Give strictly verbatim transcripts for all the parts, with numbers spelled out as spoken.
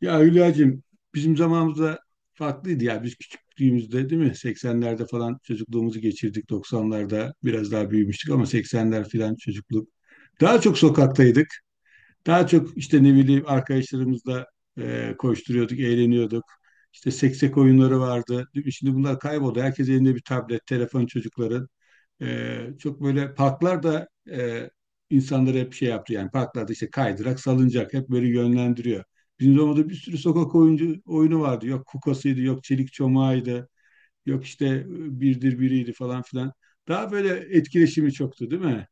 Ya Hülya'cığım bizim zamanımızda farklıydı ya. Biz küçüklüğümüzde değil mi? seksenlerde falan çocukluğumuzu geçirdik. doksanlarda biraz daha büyümüştük ama seksenler falan çocukluk. Daha çok sokaktaydık. Daha çok işte ne bileyim arkadaşlarımızla e, koşturuyorduk, eğleniyorduk. İşte seksek oyunları vardı. Değil mi? Şimdi bunlar kayboldu. Herkes elinde bir tablet, telefon çocukların. Ee, çok böyle parklar da e, insanları hep şey yaptı yani parklarda işte kaydırak, salıncak hep böyle yönlendiriyor. Bizim zamanımızda bir sürü sokak oyuncu oyunu vardı. Yok kukasıydı, yok çelik çomağıydı, yok işte e, birdir biriydi falan filan. Daha böyle etkileşimi çoktu değil mi?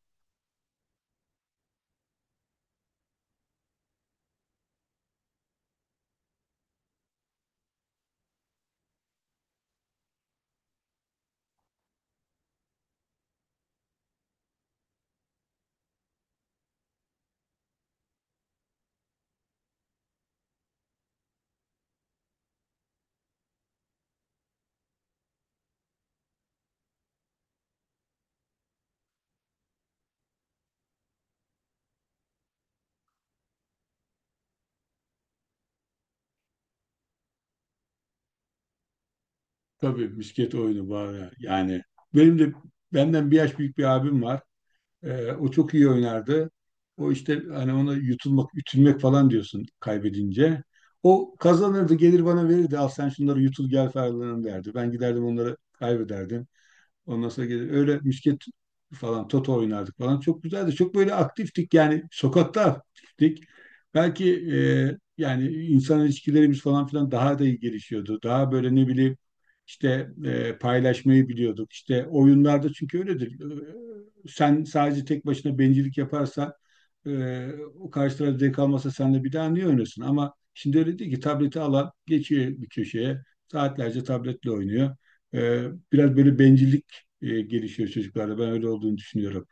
Tabii misket oyunu var yani. Benim de benden bir yaş büyük bir abim var. Ee, o çok iyi oynardı. O işte hani ona yutulmak, ütülmek falan diyorsun kaybedince. O kazanırdı, gelir bana verirdi. Al sen şunları yutul gel falan derdi. Ben giderdim onları kaybederdim. Ondan sonra gelir öyle misket falan toto oynardık falan. Çok güzeldi. Çok böyle aktiftik yani sokakta aktiftik. Belki e, yani insan ilişkilerimiz falan filan daha da iyi gelişiyordu. Daha böyle ne bileyim işte e, paylaşmayı biliyorduk. İşte oyunlarda çünkü öyledir. E, sen sadece tek başına bencillik yaparsan e, o karşı taraf zevk almasa senle bir daha niye oynasın? Ama şimdi öyle değil ki tableti alan geçiyor bir köşeye saatlerce tabletle oynuyor. E, Biraz böyle bencillik e, gelişiyor çocuklarda. Ben öyle olduğunu düşünüyorum.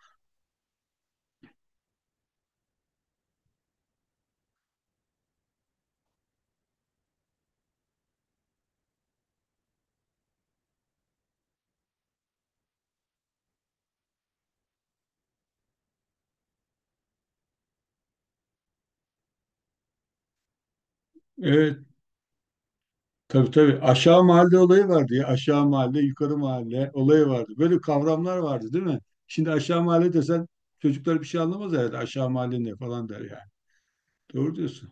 Evet, tabii tabii. Aşağı mahalle olayı vardı ya. Aşağı mahalle, yukarı mahalle olayı vardı. Böyle kavramlar vardı değil mi? Şimdi aşağı mahalle desen çocuklar bir şey anlamaz herhalde. Aşağı mahalle ne falan der yani. Doğru diyorsun.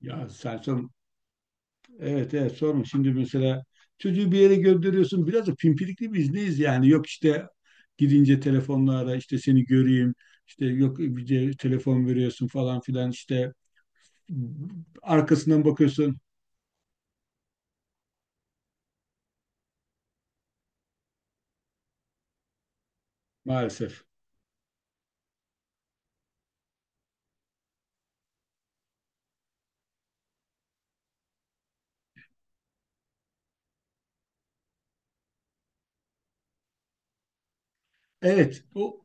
Ya sen son... Evet evet sorma. Şimdi mesela çocuğu bir yere gönderiyorsun. Biraz da pimpirikli biz neyiz yani? Yok işte gidince telefonla ara işte seni göreyim. İşte yok bir de telefon veriyorsun falan filan işte arkasından bakıyorsun. Maalesef. Evet, o,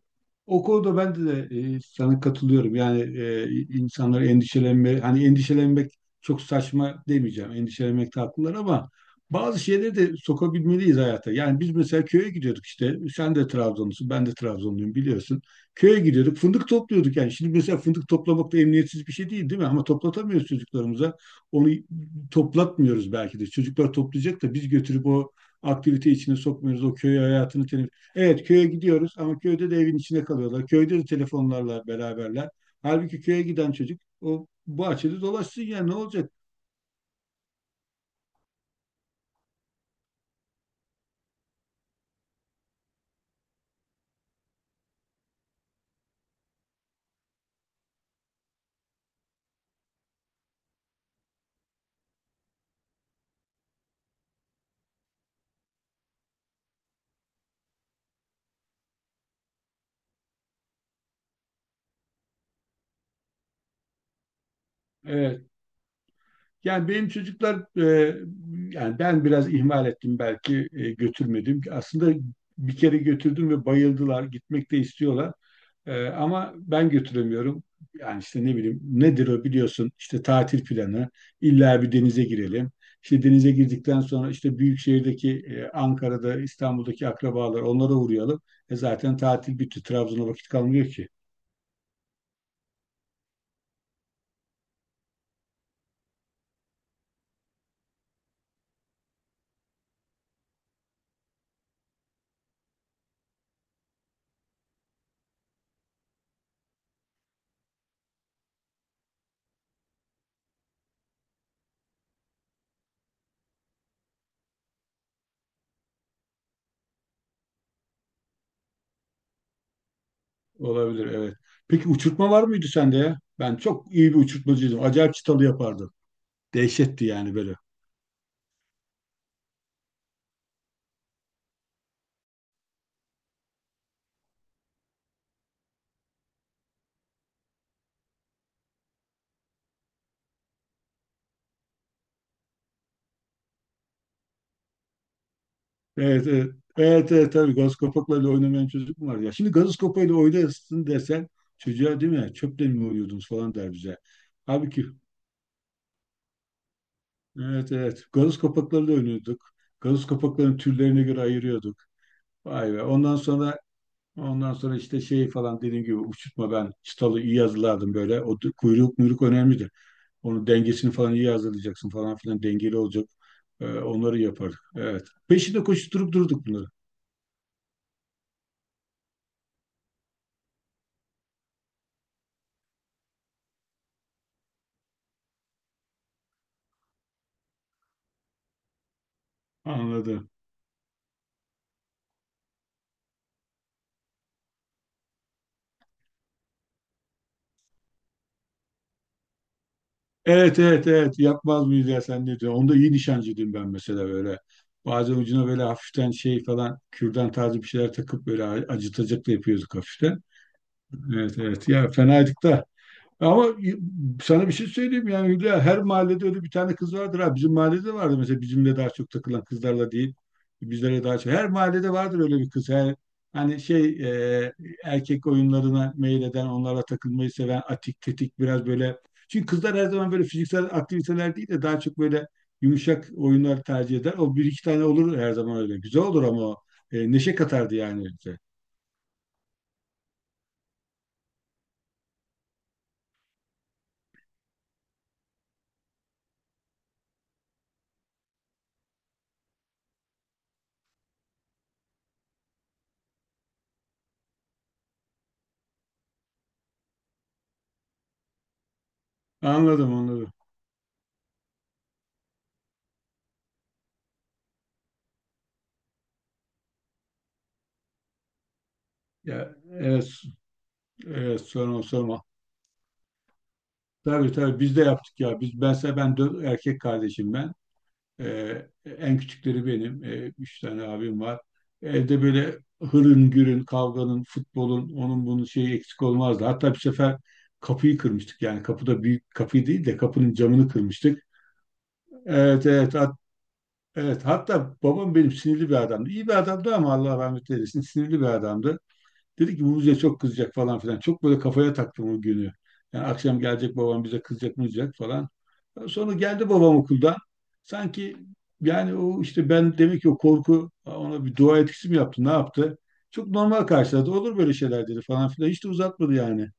o konuda ben de e, sana katılıyorum. Yani e, insanlar endişelenme, hani endişelenmek çok saçma demeyeceğim. Endişelenmek haklılar ama bazı şeyleri de sokabilmeliyiz hayata. Yani biz mesela köye gidiyorduk işte. Sen de Trabzonlusun, ben de Trabzonluyum biliyorsun. Köye gidiyorduk, fındık topluyorduk yani. Şimdi mesela fındık toplamak da emniyetsiz bir şey değil, değil mi? Ama toplatamıyoruz çocuklarımıza. Onu toplatmıyoruz belki de. Çocuklar toplayacak da biz götürüp o aktivite içine sokmuyoruz. O köy hayatını teneffüs. Evet köye gidiyoruz ama köyde de evin içinde kalıyorlar. Köyde de telefonlarla beraberler. Halbuki köye giden çocuk o bahçede dolaşsın ya ne olacak? Evet. Yani benim çocuklar e, yani ben biraz ihmal ettim belki e, götürmedim. Aslında bir kere götürdüm ve bayıldılar. Gitmek de istiyorlar. Ee, ama ben götüremiyorum. Yani işte ne bileyim nedir o biliyorsun işte tatil planı illa bir denize girelim. İşte denize girdikten sonra işte büyük şehirdeki e, Ankara'da İstanbul'daki akrabalar onlara uğrayalım. E zaten tatil bitti. Trabzon'a vakit kalmıyor ki. Olabilir evet. Peki uçurtma var mıydı sende ya? Ben çok iyi bir uçurtmacıydım. Acayip çıtalı yapardım. Dehşetti yani böyle. Evet, evet. Evet, evet tabii gazoz kapaklarıyla oynamayan çocuk mu var ya? Şimdi gaz kapağıyla oynasın desen çocuğa değil mi? Çöple mi oynuyordunuz falan der bize. Halbuki evet evet gazoz kapaklarıyla oynuyorduk. Gaz kapaklarının türlerine göre ayırıyorduk. Vay be. Ondan sonra ondan sonra işte şey falan dediğim gibi uçurtma ben çıtalı iyi hazırlardım böyle. O d- kuyruk muyruk önemlidir. Onun dengesini falan iyi hazırlayacaksın falan filan dengeli olacak. Ee, onları yapardık. Evet. Peşinde koşturup durduk bunları. Anladım. Evet evet evet yapmaz mıyız ya sen ne diyorsun? Onda iyi nişancıydım ben mesela böyle. Bazen ucuna böyle hafiften şey falan kürdan tarzı bir şeyler takıp böyle acıtacaklı yapıyorduk hafiften. Evet evet ya fenaydık da. Ama sana bir şey söyleyeyim yani Hülya, her mahallede öyle bir tane kız vardır ha. Bizim mahallede vardı mesela bizimle daha çok takılan kızlarla değil bizlere daha çok. Her mahallede vardır öyle bir kız. Yani, hani şey e, erkek oyunlarına meyleden onlara takılmayı seven atik tetik biraz böyle. Çünkü kızlar her zaman böyle fiziksel aktiviteler değil de daha çok böyle yumuşak oyunlar tercih eder. O bir iki tane olur her zaman öyle. Güzel olur ama o. E, neşe katardı yani bize. Anladım anladım. Ya, evet, evet sorma sorma. Tabii tabii biz de yaptık ya. Biz ben ben dö- erkek kardeşim ben. Ee, en küçükleri benim. Ee, üç tane abim var. Evde böyle hırın gürün, kavganın, futbolun, onun bunun şeyi eksik olmazdı. Hatta bir sefer kapıyı kırmıştık. Yani kapıda büyük kapıyı değil de kapının camını kırmıştık. Evet evet hat- evet. Hatta babam benim sinirli bir adamdı. İyi bir adamdı ama Allah rahmet eylesin sinirli bir adamdı. Dedi ki bu bize çok kızacak falan filan. Çok böyle kafaya taktım o günü. Yani akşam gelecek babam bize kızacak mızacak falan. Sonra geldi babam okuldan. Sanki yani o işte ben demek ki o korku ona bir dua etkisi mi yaptı, ne yaptı? Çok normal karşıladı. Olur böyle şeyler dedi falan filan. Hiç de uzatmadı yani.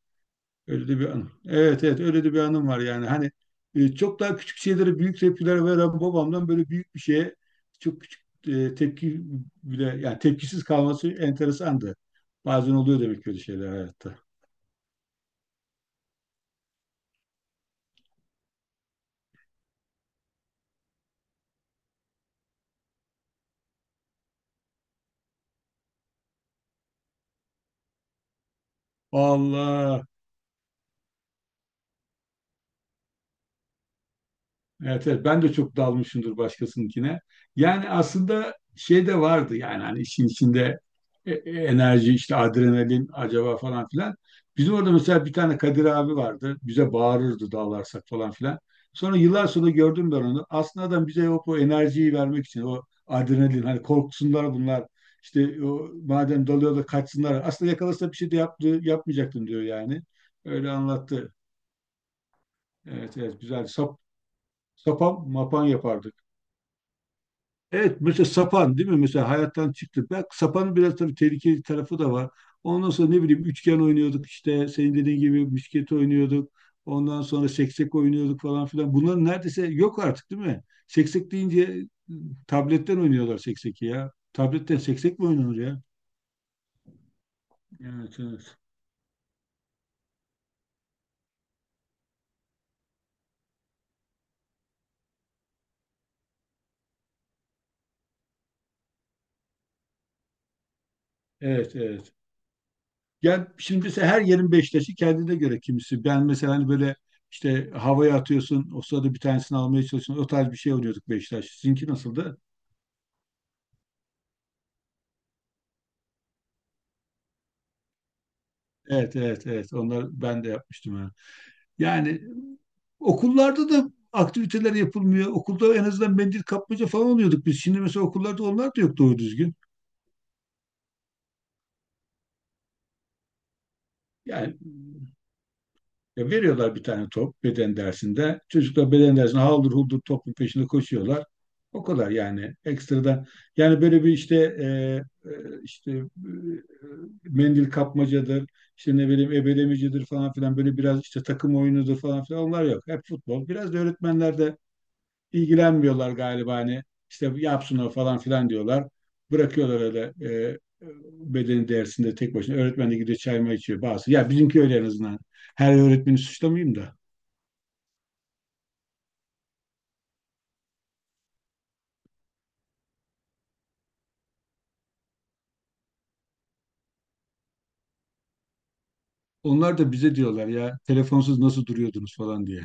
Öyle de bir anım. Evet evet öyle de bir anım var yani. Hani e, çok daha küçük şeylere büyük tepkiler veren babamdan böyle büyük bir şeye çok küçük e, tepki bile yani tepkisiz kalması enteresandı. Bazen oluyor demek ki öyle şeyler hayatta. Allah. Evet, evet ben de çok dalmışımdır başkasınınkine. Yani aslında şey de vardı yani hani işin içinde e- e- enerji işte adrenalin acaba falan filan. Bizim orada mesela bir tane Kadir abi vardı. Bize bağırırdı dalarsak falan filan. Sonra yıllar sonra gördüm ben onu. Aslında adam bize o, o enerjiyi vermek için o adrenalin hani korksunlar bunlar. İşte o, madem dalıyorlar kaçsınlar. Aslında yakalasa bir şey de yaptı, yapmayacaktım diyor yani. Öyle anlattı. Evet evet güzel. Sap, sapan mapan yapardık. Evet mesela sapan değil mi? Mesela hayattan çıktı. Bak sapanın biraz tabii tehlikeli tarafı da var. Ondan sonra ne bileyim üçgen oynuyorduk işte senin dediğin gibi misket oynuyorduk. Ondan sonra seksek oynuyorduk falan filan. Bunlar neredeyse yok artık değil mi? Seksek deyince tabletten oynuyorlar sekseki ya. Tabletten seksek mi oynanır ya? Evet evet. Evet evet. Yani şimdi mesela her yerin Beşiktaş'ı kendine göre kimisi. Ben mesela hani böyle işte havaya atıyorsun. O sırada bir tanesini almaya çalışıyorsun. O tarz bir şey oynuyorduk Beşiktaş. Sizinki nasıldı? Evet, evet, evet. Onlar ben de yapmıştım yani. Yani okullarda da aktiviteler yapılmıyor. Okulda en azından mendil kapmaca falan oluyorduk biz. Şimdi mesela okullarda onlar da yok doğru düzgün. Yani ya veriyorlar bir tane top beden dersinde. Çocuklar beden dersinde haldır huldur topun peşinde koşuyorlar. O kadar yani ekstradan. Yani böyle bir işte e, e, işte e, mendil kapmacadır, işte ne bileyim ebelemecidir falan filan böyle biraz işte takım oyunudur falan filan onlar yok. Hep futbol. Biraz da öğretmenler de ilgilenmiyorlar galiba hani işte yapsın o falan filan diyorlar. Bırakıyorlar öyle e, bedeni dersinde tek başına. Öğretmen de gidiyor çay mı içiyor bazı. Ya bizimki öyle en azından. Her öğretmeni suçlamayayım da. Onlar da bize diyorlar ya telefonsuz nasıl duruyordunuz falan diye.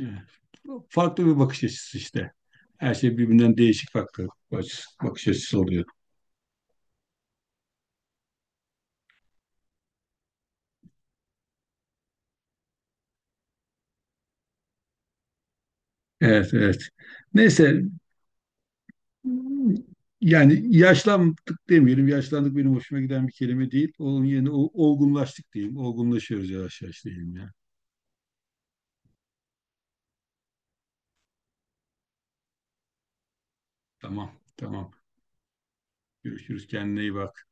Evet. Farklı bir bakış açısı işte. Her şey birbirinden değişik farklı bakış, bakış açısı oluyor. Evet, evet. Neyse. Hmm. Yani yaşlandık demeyelim. Yaşlandık benim hoşuma giden bir kelime değil. Onun yerine o- olgunlaştık diyeyim. Olgunlaşıyoruz yavaş yavaş diyeyim ya. Tamam, tamam. Görüşürüz. Kendine iyi bak.